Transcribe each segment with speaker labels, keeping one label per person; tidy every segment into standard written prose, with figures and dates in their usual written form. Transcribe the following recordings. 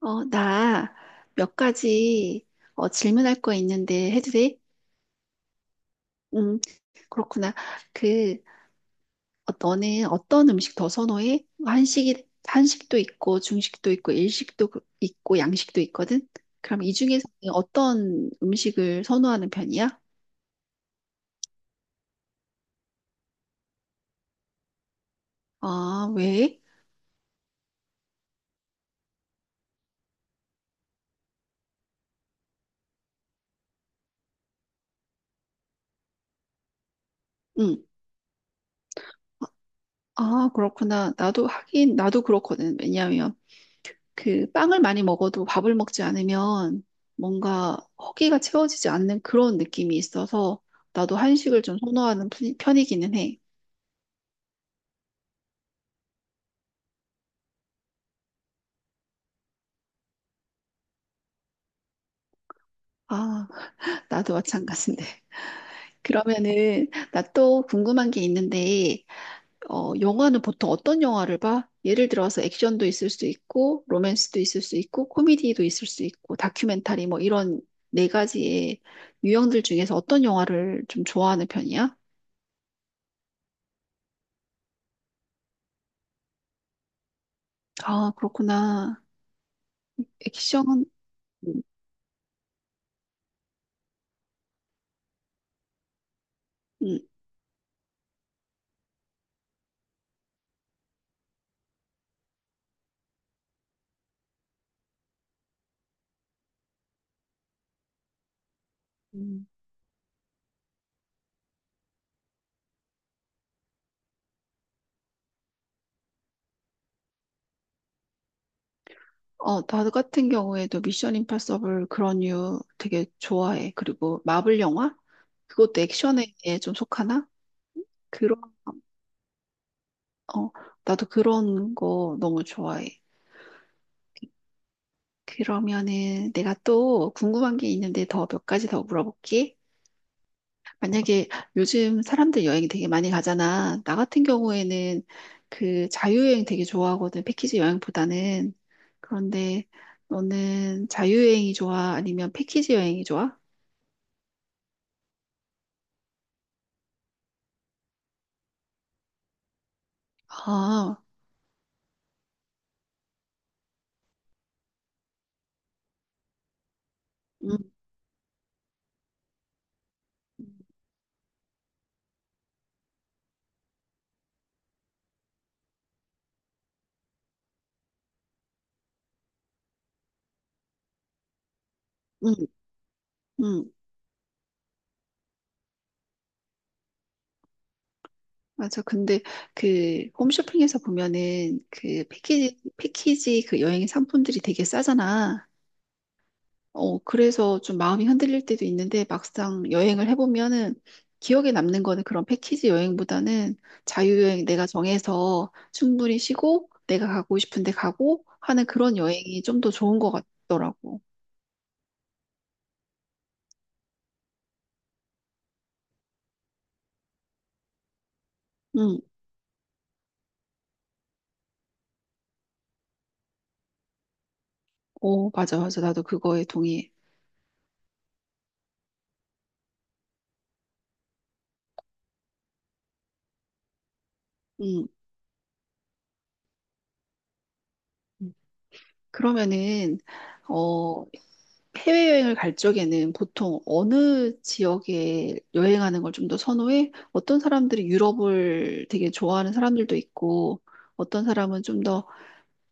Speaker 1: 나 몇 가지 질문할 거 있는데 해도 돼? 음, 그렇구나. 그, 너는 어떤 음식 더 선호해? 한식도 있고, 중식도 있고, 일식도 있고, 양식도 있거든? 그럼 이 중에서 어떤 음식을 선호하는 편이야? 아, 왜? 응. 아, 그렇구나. 나도 하긴, 나도 그렇거든. 왜냐하면 그 빵을 많이 먹어도 밥을 먹지 않으면 뭔가 허기가 채워지지 않는 그런 느낌이 있어서 나도 한식을 좀 선호하는 편이기는 해. 아, 나도 마찬가지인데. 그러면은 나 또 궁금한 게 있는데, 영화는 보통 어떤 영화를 봐? 예를 들어서 액션도 있을 수 있고, 로맨스도 있을 수 있고, 코미디도 있을 수 있고, 다큐멘터리 뭐 이런 네 가지의 유형들 중에서 어떤 영화를 좀 좋아하는 편이야? 아, 그렇구나. 액션, 음. 음. 어, 나 같은 경우에도 미션 임파서블 그런 류 되게 좋아해. 그리고 마블 영화? 그것도 액션에 좀 속하나? 그런, 어, 나도 그런 거 너무 좋아해. 그러면은 내가 또 궁금한 게 있는데 더 몇 가지 더 물어볼게. 만약에 요즘 사람들 여행 되게 많이 가잖아. 나 같은 경우에는 그 자유여행 되게 좋아하거든. 패키지 여행보다는. 그런데 너는 자유여행이 좋아? 아니면 패키지 여행이 좋아? 아, 음, 음, 음. 맞아. 근데 그 홈쇼핑에서 보면은 그 패키지 그 여행 상품들이 되게 싸잖아. 어, 그래서 좀 마음이 흔들릴 때도 있는데 막상 여행을 해보면은 기억에 남는 거는 그런 패키지 여행보다는 자유여행 내가 정해서 충분히 쉬고 내가 가고 싶은데 가고 하는 그런 여행이 좀 더 좋은 것 같더라고. 응, 오, 맞아, 맞아. 나도 그거에 동의해. 응. 그러면은, 어, 해외여행을 갈 적에는 보통 어느 지역에 여행하는 걸 좀 더 선호해? 어떤 사람들이 유럽을 되게 좋아하는 사람들도 있고, 어떤 사람은 좀 더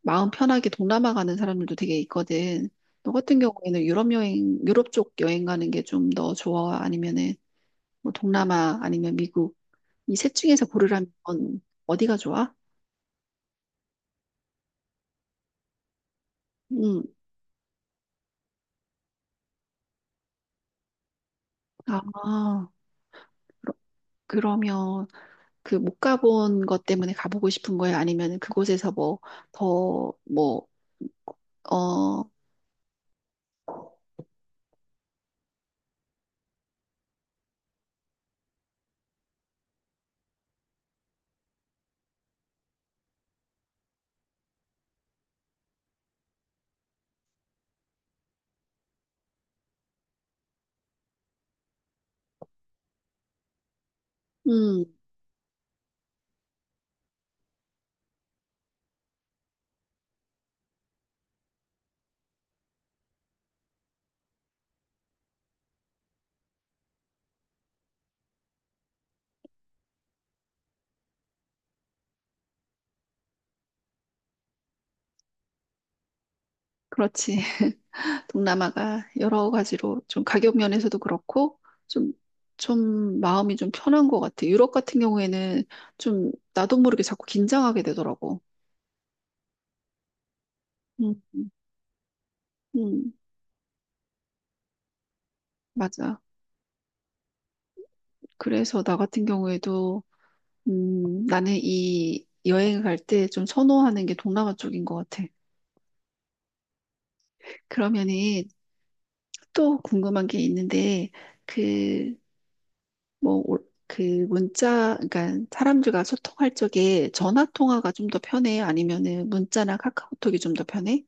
Speaker 1: 마음 편하게 동남아 가는 사람들도 되게 있거든. 너 같은 경우에는 유럽 여행, 유럽 쪽 여행 가는 게 좀 더 좋아? 아니면은 뭐 동남아 아니면 미국? 이 셋 중에서 고르라면 어디가 좋아? 음, 아, 그러면 그 못 가본 것 때문에 가보고 싶은 거예요? 아니면 그곳에서 뭐 더 뭐, 어, 음, 그렇지. 동남아가 여러 가지로 좀 가격 면에서도 그렇고 좀, 좀 마음이 좀 편한 것 같아 유럽 같은 경우에는 좀 나도 모르게 자꾸 긴장하게 되더라고. 음, 음, 음. 맞아. 그래서 나 같은 경우에도 나는 이 여행을 갈 때 좀 선호하는 게 동남아 쪽인 것 같아. 그러면은 또 궁금한 게 있는데 그 그 문자 그러니까 사람들과 소통할 적에 전화 통화가 좀 더 편해? 아니면은 문자나 카카오톡이 좀 더 편해?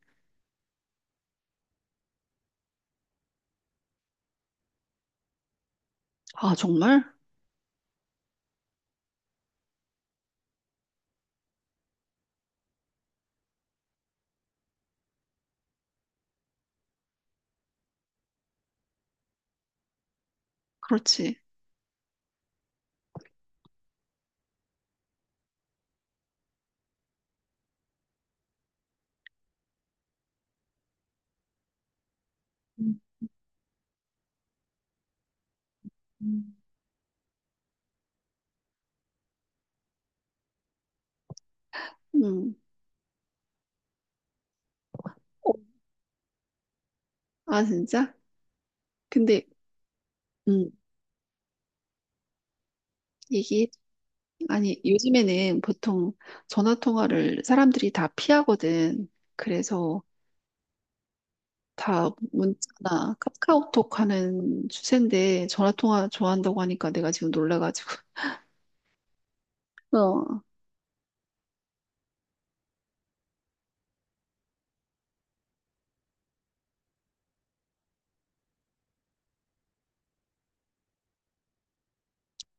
Speaker 1: 아, 정말? 그렇지. 음, 음. 음. 어, 아, 진짜? 근데 음. 이게 아니 요즘에는 보통 전화 통화를 사람들이 다 피하거든. 그래서 다 문자나 카카오톡 하는 추세인데 전화 통화 좋아한다고 하니까 내가 지금 놀라가지고 어,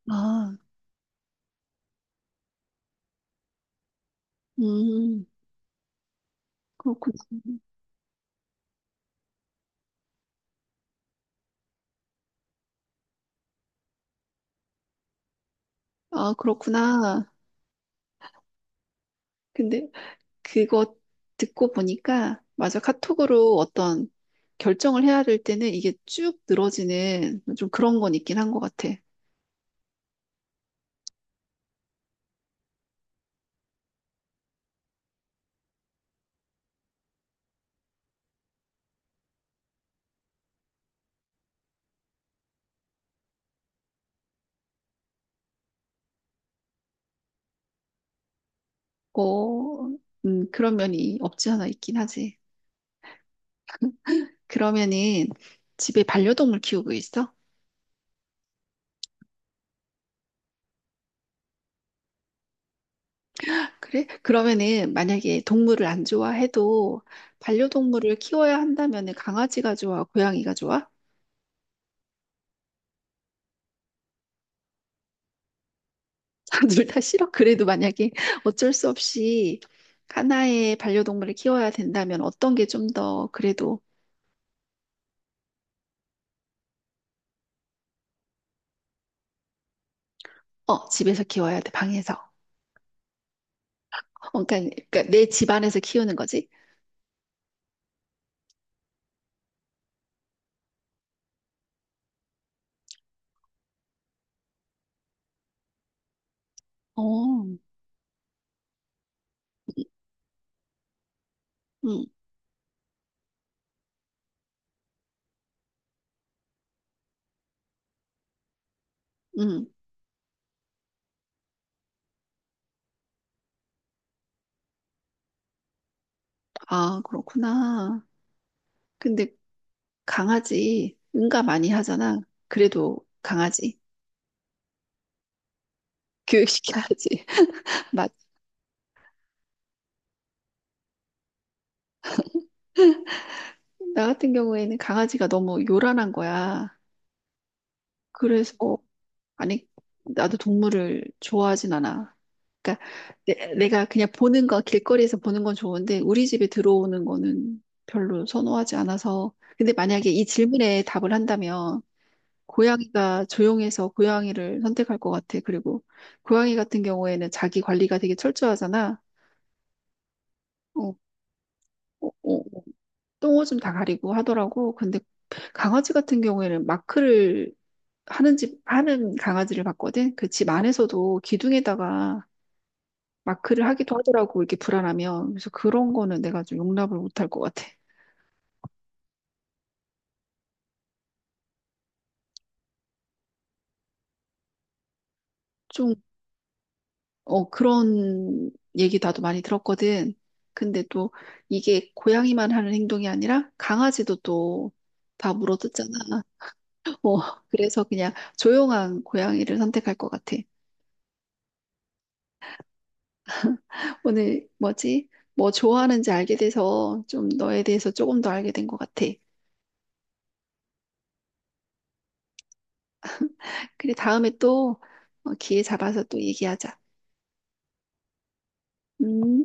Speaker 1: 아, 음, 그렇구나. 아, 그렇구나. 근데 그거 듣고 보니까, 맞아. 카톡으로 어떤 결정을 해야 될 때는 이게 쭉 늘어지는 좀 그런 건 있긴 한 것 같아. 어, 그런 면이 없지 않아 있긴 하지. 그러면은 집에 반려동물 키우고 있어? 그래? 그러면은 만약에 동물을 안 좋아해도 반려동물을 키워야 한다면은 강아지가 좋아, 고양이가 좋아? 둘 다 싫어. 그래도 만약에 어쩔 수 없이 하나의 반려동물을 키워야 된다면 어떤 게 좀 더 그래도 어, 집에서 키워야 돼. 방에서. 어, 그러니까 내 집 안에서 키우는 거지. 어, 음, 음. 음. 아, 그렇구나. 근데 강아지 응가 많이 하잖아. 그래도 강아지 교육시켜야지. 맞. 나 같은 경우에는 강아지가 너무 요란한 거야. 그래서 아니, 나도 동물을 좋아하진 않아. 그러니까 내, 가 그냥 보는 거, 길거리에서 보는 건 좋은데 우리 집에 들어오는 거는 별로 선호하지 않아서. 근데 만약에 이 질문에 답을 한다면 고양이가 조용해서 고양이를 선택할 것 같아. 그리고 고양이 같은 경우에는 자기 관리가 되게 철저하잖아. 어, 어, 어, 똥 오줌 다 가리고 하더라고. 근데 강아지 같은 경우에는 마크를 하는 집, 하는 강아지를 봤거든. 그 집 안에서도 기둥에다가 마크를 하기도 하더라고, 이렇게 불안하면. 그래서 그런 거는 내가 좀 용납을 못할 것 같아. 좀, 어, 그런 얘기 나도 많이 들었거든. 근데 또 이게 고양이만 하는 행동이 아니라 강아지도 또 다 물어뜯잖아. 어, 그래서 그냥 조용한 고양이를 선택할 것 같아. 오늘 뭐지? 뭐 좋아하는지 알게 돼서 좀 너에 대해서 조금 더 알게 된 것 같아. 그래, 다음에 또 어, 기회 잡아서 또 얘기하자. 음.